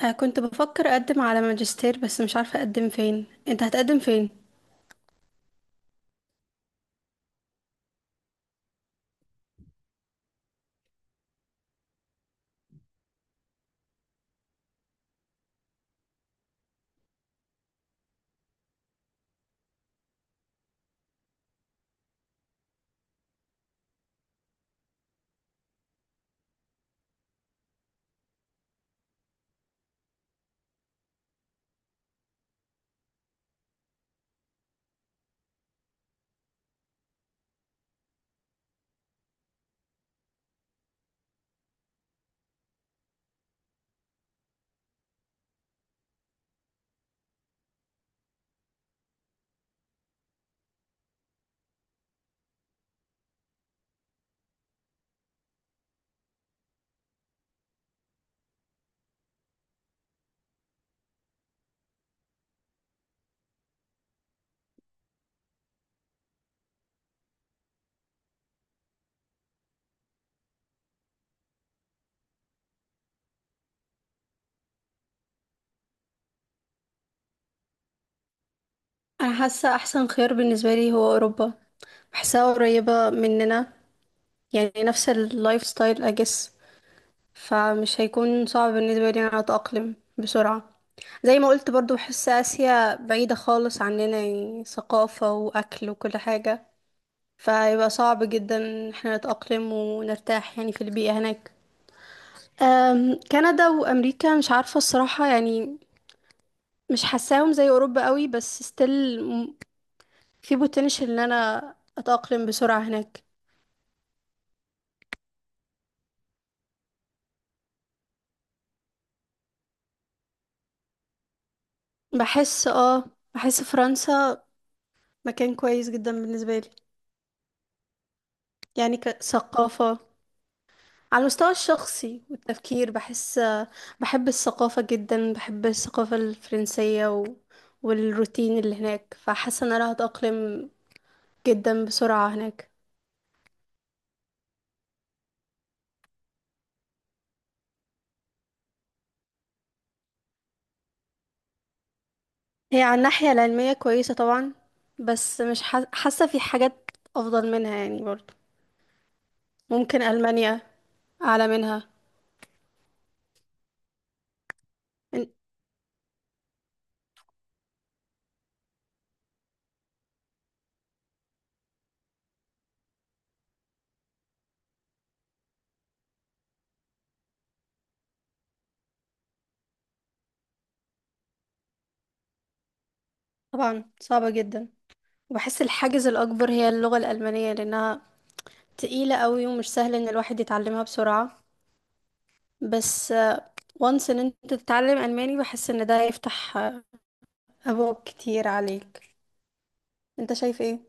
كنت بفكر اقدم على ماجستير، بس مش عارفه اقدم فين. انت هتقدم فين؟ انا حاسه احسن خيار بالنسبه لي هو اوروبا. بحسها قريبه مننا، يعني نفس اللايف ستايل اجس، فمش هيكون صعب بالنسبه لي انا اتاقلم بسرعه. زي ما قلت برضو، بحس اسيا بعيده خالص عننا، يعني ثقافه واكل وكل حاجه، فيبقى صعب جدا إن احنا نتاقلم ونرتاح يعني في البيئه هناك. كندا وامريكا مش عارفه الصراحه، يعني مش حاساهم زي اوروبا قوي، بس ستيل في potential ان انا اتأقلم بسرعة هناك. بحس اه بحس فرنسا مكان كويس جدا بالنسبة لي، يعني كثقافة، على المستوى الشخصي والتفكير. بحس بحب الثقافة جدا، بحب الثقافة الفرنسية و... والروتين اللي هناك، فحاسة ان انا هتأقلم جدا بسرعة هناك. هي على الناحية العلمية كويسة طبعا، بس مش حاسة في حاجات افضل منها يعني برضه. ممكن ألمانيا أعلى منها. إن- طبعا صعبة جدا، وبحس الحاجز الأكبر هي اللغة الألمانية لأنها تقيلة قوي ومش سهل إن الواحد يتعلمها بسرعة. بس وانس إن أنت تتعلم ألماني، بحس إن ده يفتح أبواب كتير عليك. أنت شايف إيه؟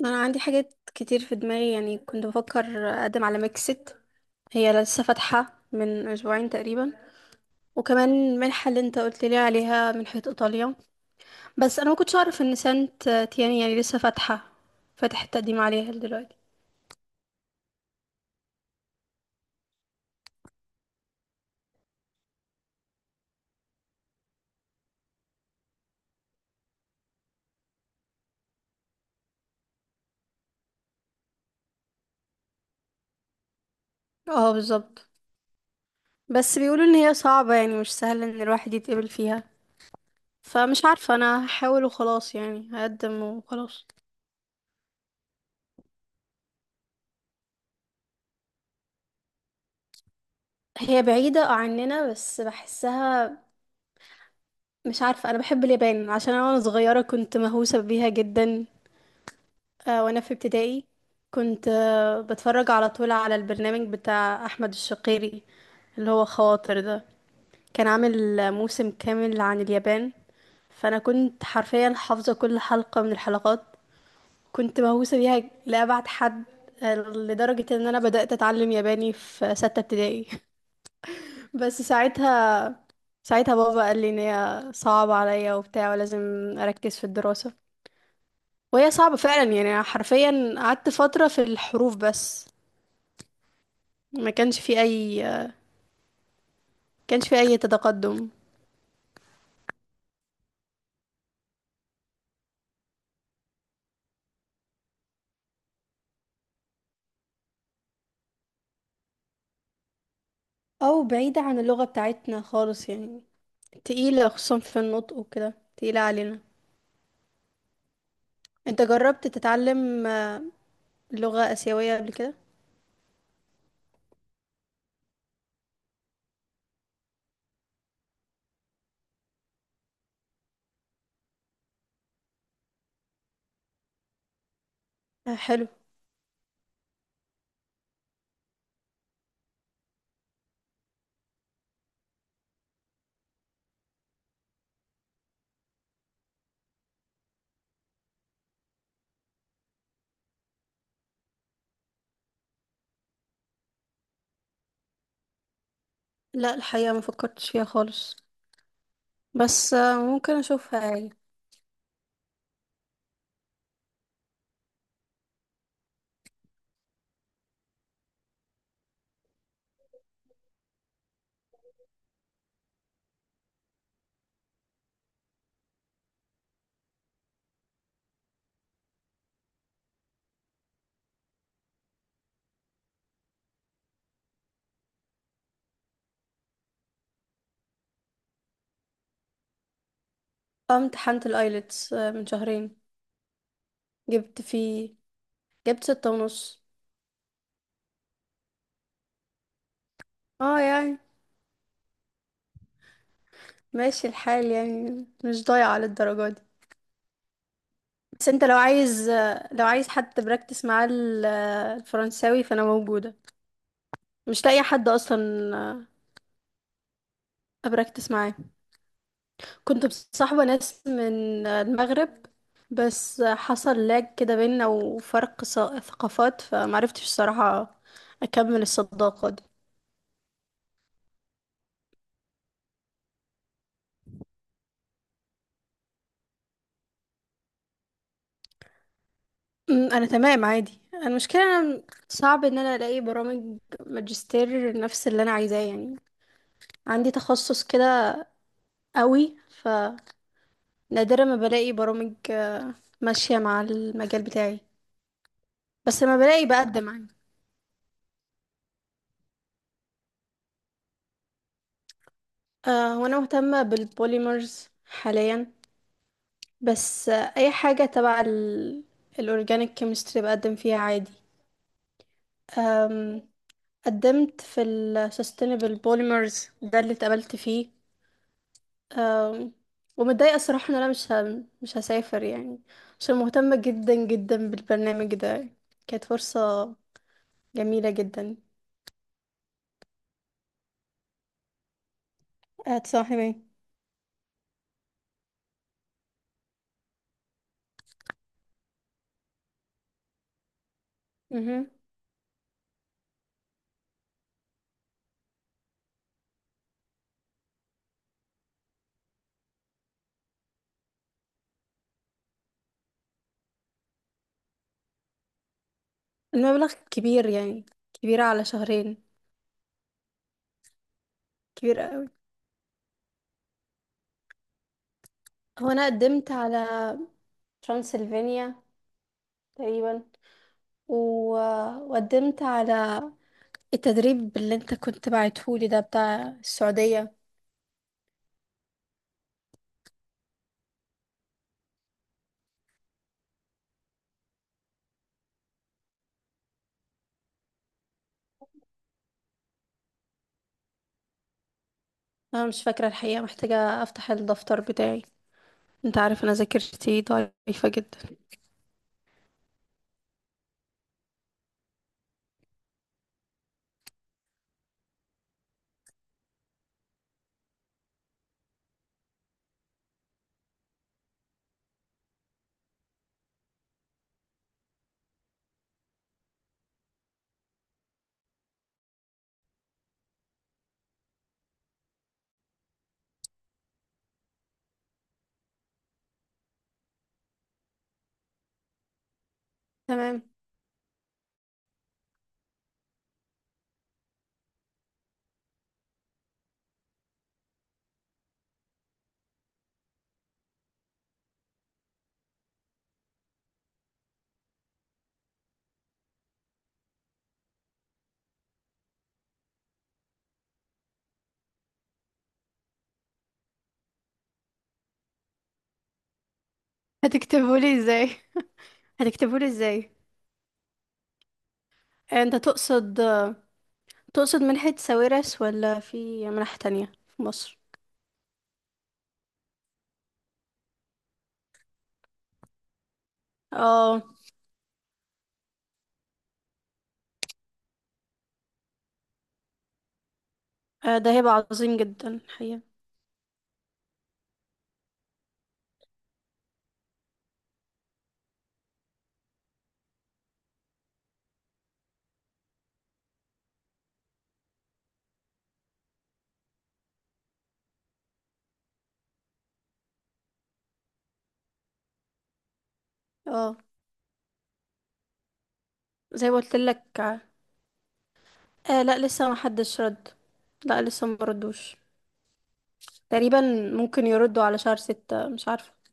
أنا عندي حاجات كتير في دماغي، يعني كنت بفكر أقدم على ميكسيت. هي لسه فاتحة من أسبوعين تقريبا. وكمان المنحة اللي أنت قلت لي عليها، منحة إيطاليا. بس انا ما كنتش اعرف ان سانت تيان يعني لسه فاتحه، فاتح التقديم عليها دلوقتي. اه بالظبط. بس بيقولوا ان هي صعبه، يعني مش سهل ان الواحد يتقبل فيها. فمش عارفه، انا هحاول وخلاص يعني، هقدم وخلاص. هي بعيده عننا بس بحسها، مش عارفه، انا بحب اليابان عشان انا وانا صغيره كنت مهووسه بيها جدا. وانا في ابتدائي كنت بتفرج على طول على البرنامج بتاع احمد الشقيري، اللي هو خواطر ده. كان عامل موسم كامل عن اليابان، فانا كنت حرفيا حافظه كل حلقه من الحلقات. كنت مهووسه بيها لابعد حد، لدرجه ان انا بدات اتعلم ياباني في سته ابتدائي بس ساعتها، ساعتها بابا قال لي ان هي صعبه عليا وبتاع ولازم اركز في الدراسه، وهي صعبه فعلا. يعني أنا حرفيا قعدت فتره في الحروف بس. ما كانش في اي تقدم. او بعيدة عن اللغة بتاعتنا خالص يعني، تقيلة خصوصا في النطق وكده، تقيلة علينا. انت جربت تتعلم لغة آسيوية قبل كده؟ حلو. لا، الحقيقة ما فكرتش فيها خالص، بس ممكن اشوفها يعني. اه امتحنت الايلتس من شهرين. جبت فيه جبت 6.5. اه يعني ماشي الحال يعني، مش ضايعة للدرجة دي. بس انت لو عايز، لو عايز حد براكتس معاه الفرنساوي، فانا موجودة. مش لاقي حد اصلا آه، ابراكتس معاه. كنت مصاحبة ناس من المغرب، بس حصل لاج كده بينا وفرق ثقافات، فمعرفتش الصراحة اكمل الصداقة دي. انا تمام عادي. أنا المشكلة، أنا صعب ان انا الاقي برامج ماجستير نفس اللي انا عايزاه يعني. عندي تخصص كده قوي، فنادرا ما بلاقي برامج ماشية مع المجال بتاعي، بس لما بلاقي بقدم عادي. وانا مهتمة بالبوليمرز حاليا، بس اي حاجة تبع الأورجانيك كيمستري بقدم فيها عادي. أم، قدمت في ال sustainable polymers ده اللي اتقبلت فيه. أم، ومتضايقة الصراحة ان انا مش هسافر يعني، عشان مهتمة جدا جدا بالبرنامج ده. كانت فرصة جميلة جدا. هتصاحب ايه؟ مهم. المبلغ كبير يعني، كبير على شهرين، كبير قوي. هو انا قدمت على ترانسلفانيا تقريبا، و... وقدمت على التدريب اللي انت كنت بعتهولي ده بتاع السعودية. انا مش فاكرة الحقيقة، محتاجة افتح الدفتر بتاعي، انت عارف انا ذاكرتي ضعيفة جدا. تمام. هتكتبهولي ازاي؟ هتكتبهولي ازاي؟ انت تقصد منحة ساويرس ولا في منح تانية في مصر؟ اه. ده هيبقى عظيم جدا الحقيقة. اه زي ما قلت لك. آه، لا لسه ما حدش رد. لا لسه ما ردوش تقريبا. ممكن يردوا على شهر 6، مش عارفة.